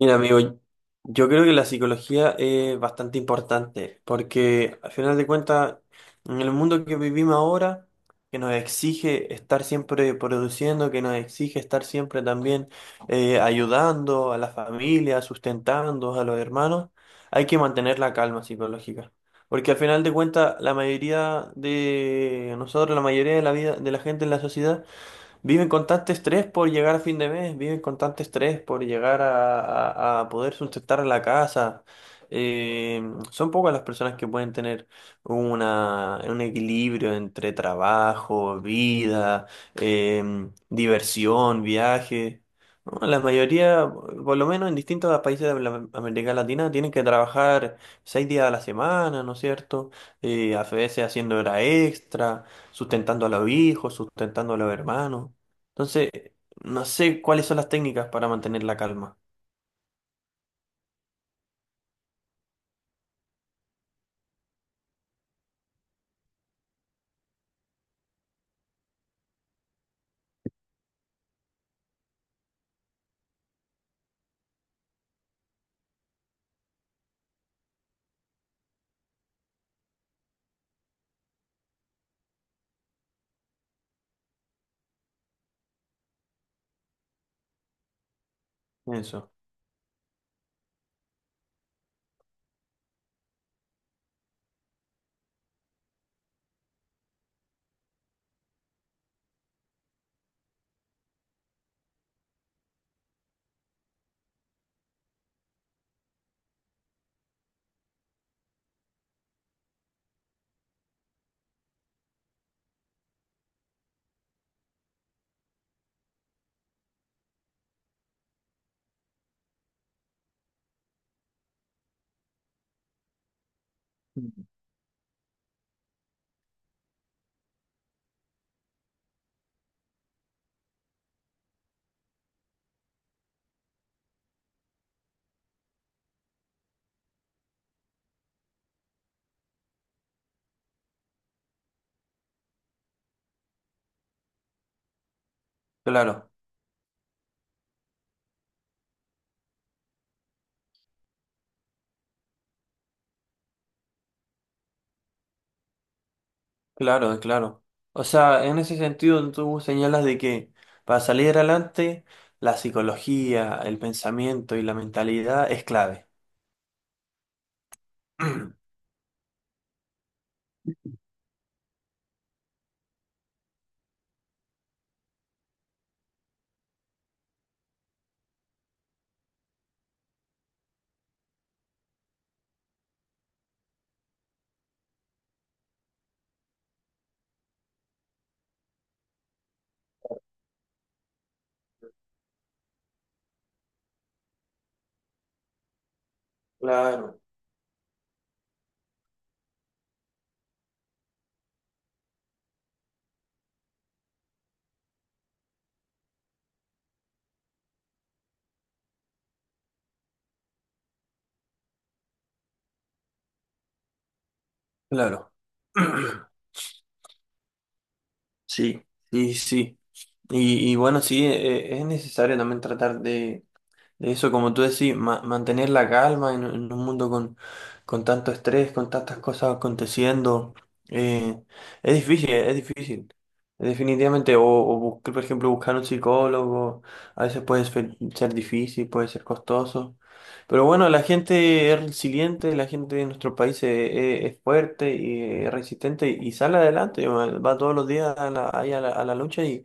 Mira, amigo, yo creo que la psicología es bastante importante porque al final de cuentas, en el mundo que vivimos ahora, que nos exige estar siempre produciendo, que nos exige estar siempre también ayudando a la familia, sustentando a los hermanos, hay que mantener la calma psicológica. Porque al final de cuentas, la mayoría de nosotros, la mayoría de la vida de la gente en la sociedad, viven con tanto estrés por llegar a fin de mes, viven con tanto estrés por llegar a poder sustentar la casa. Eh, Son pocas las personas que pueden tener un equilibrio entre trabajo, vida, diversión, viaje. ¿No? La mayoría, por lo menos en distintos países de América Latina, tienen que trabajar seis días a la semana, ¿no es cierto? A veces haciendo hora extra, sustentando a los hijos, sustentando a los hermanos. Entonces, no sé cuáles son las técnicas para mantener la calma. Eso. Claro, claro, claro. O sea, en ese sentido tú señalas de que para salir adelante, la psicología, el pensamiento y la mentalidad es clave. Claro, claro. Sí, sí, sí. Y bueno, sí, es necesario también tratar de eso, como tú decís, mantener la calma en un mundo con tanto estrés, con tantas cosas aconteciendo, eh, es difícil, es difícil. Definitivamente, o buscar, por ejemplo, buscar un psicólogo, a veces puede ser difícil, puede ser costoso. Pero bueno, la gente es resiliente, la gente de nuestro país es fuerte y es resistente y sale adelante, va todos los días a la, ahí a la lucha y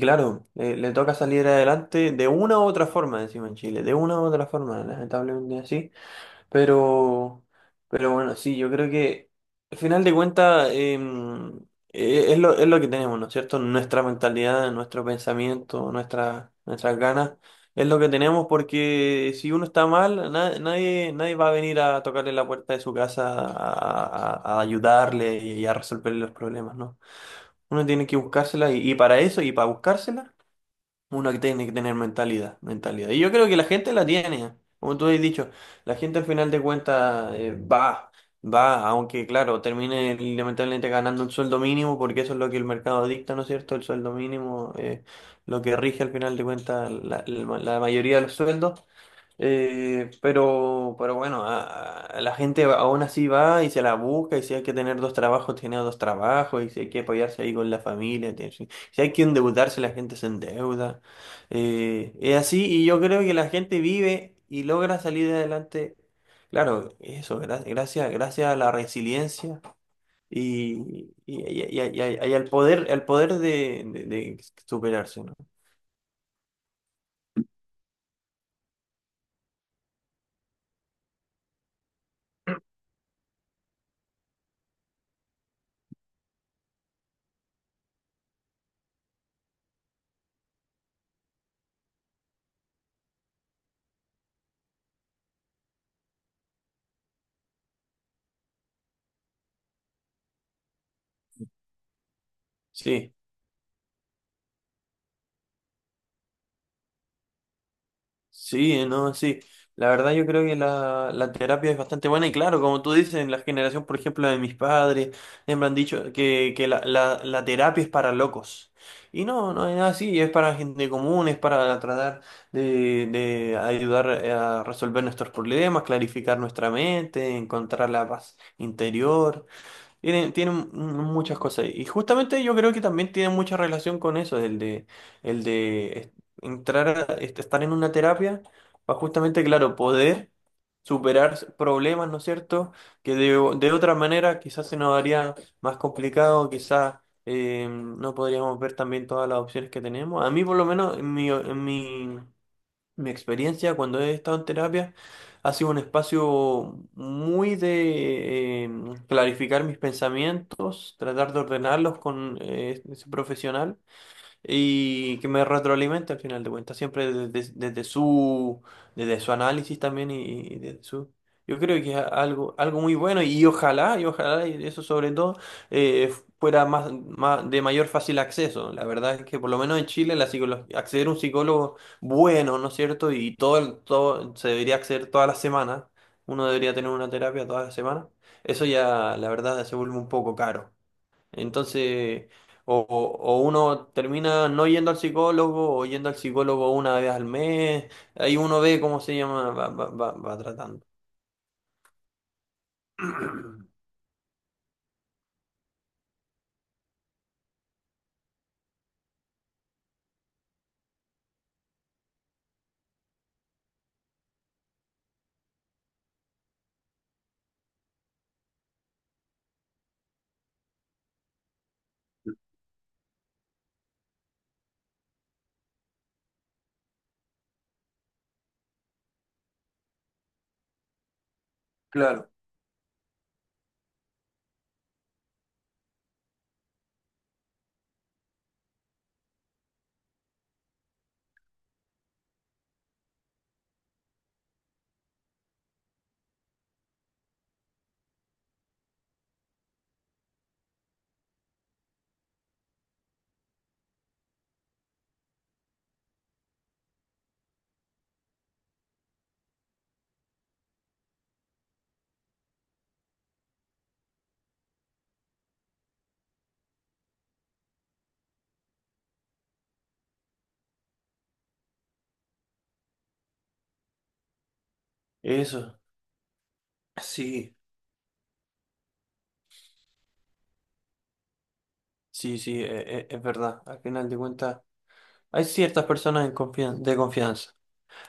claro, le toca salir adelante de una u otra forma, decimos en Chile, de una u otra forma, lamentablemente así. Pero, pero bueno, sí, yo creo que al final de cuentas es lo que tenemos, ¿no es cierto? Nuestra mentalidad, nuestro pensamiento, nuestras ganas, es lo que tenemos porque si uno está mal, nadie va a venir a tocarle la puerta de su casa a ayudarle y a resolverle los problemas, ¿no? Uno tiene que buscársela para eso y para buscársela. Uno que tiene que tener mentalidad, mentalidad. Y yo creo que la gente la tiene, como tú has dicho, la gente al final de cuentas va, aunque claro, termine lamentablemente ganando el sueldo mínimo, porque eso es lo que el mercado dicta, ¿no es cierto? El sueldo mínimo, lo que rige al final de cuentas la mayoría de los sueldos. Pero pero bueno, la gente aún así va y se la busca, y si hay que tener dos trabajos, tiene dos trabajos, y si hay que apoyarse ahí con la familia, si hay que endeudarse, la gente se endeuda. Es así, y yo creo que la gente vive y logra salir adelante. Claro, eso, gracias a la resiliencia y al poder de superarse, ¿no? Sí. Sí, no, sí. La verdad yo creo que la terapia es bastante buena y claro, como tú dices, en la generación, por ejemplo, de mis padres, siempre han dicho que la terapia es para locos. Y no, no es así, es para gente común, es para tratar de ayudar a resolver nuestros problemas, clarificar nuestra mente, encontrar la paz interior. Tiene muchas cosas. Y justamente yo creo que también tiene mucha relación con eso, el de es- entrar, estar en una terapia para justamente, claro, poder superar problemas, ¿no es cierto? Que de otra manera quizás se nos haría más complicado, quizás no podríamos ver también todas las opciones que tenemos. A mí por lo menos en mi mi experiencia cuando he estado en terapia ha sido un espacio muy de clarificar mis pensamientos, tratar de ordenarlos con ese profesional y que me retroalimenta al final de cuentas, siempre desde su análisis también y desde su... Yo creo que es algo, algo muy bueno y ojalá, y ojalá, y eso sobre todo, eh, fuera más, de mayor fácil acceso. La verdad es que por lo menos en Chile acceder a un psicólogo bueno, ¿no es cierto? Y todo, todo se debería acceder todas las semanas. Uno debería tener una terapia todas las semanas. Eso ya, la verdad, se vuelve un poco caro. Entonces, o uno termina no yendo al psicólogo o yendo al psicólogo una vez al mes. Ahí uno ve cómo se llama, va tratando. Claro, eso, sí, sí, es verdad. Al final de cuentas, hay ciertas personas en de confianza.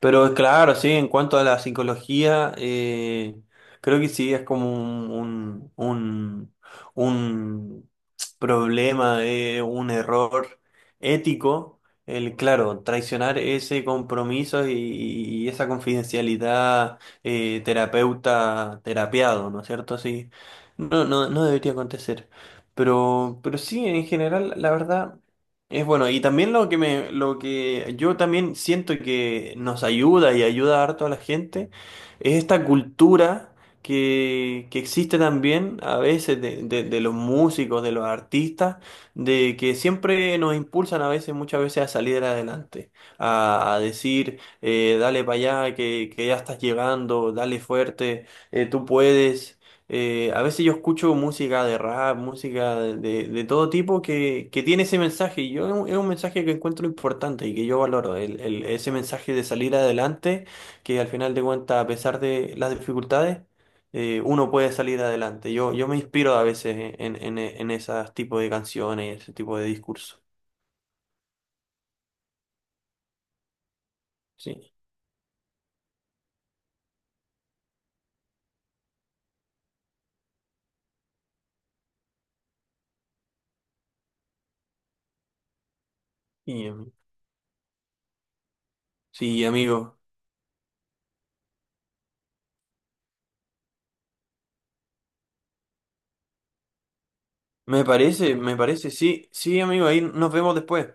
Pero claro, sí, en cuanto a la psicología, creo que sí es como un problema, un error ético, el, claro, traicionar ese compromiso y esa confidencialidad terapeuta terapiado, ¿no es cierto? Sí, no debería acontecer. Pero sí, en general, la verdad. Es bueno, y también lo que me, lo que yo también siento que nos ayuda y ayuda harto a la gente es esta cultura que existe también a veces de los músicos, de los artistas, de que siempre nos impulsan a veces, muchas veces a salir adelante, a decir, dale para allá, que ya estás llegando, dale fuerte, tú puedes. A veces yo escucho música de rap, música de todo tipo que tiene ese mensaje. Y yo es un mensaje que encuentro importante y que yo valoro. Ese mensaje de salir adelante, que al final de cuentas, a pesar de las dificultades, uno puede salir adelante. Yo me inspiro a veces en esos tipos de canciones, ese tipo de discurso. Sí, y, em, sí, amigo. Me parece, me parece. Sí, sí, amigo. Ahí nos vemos después.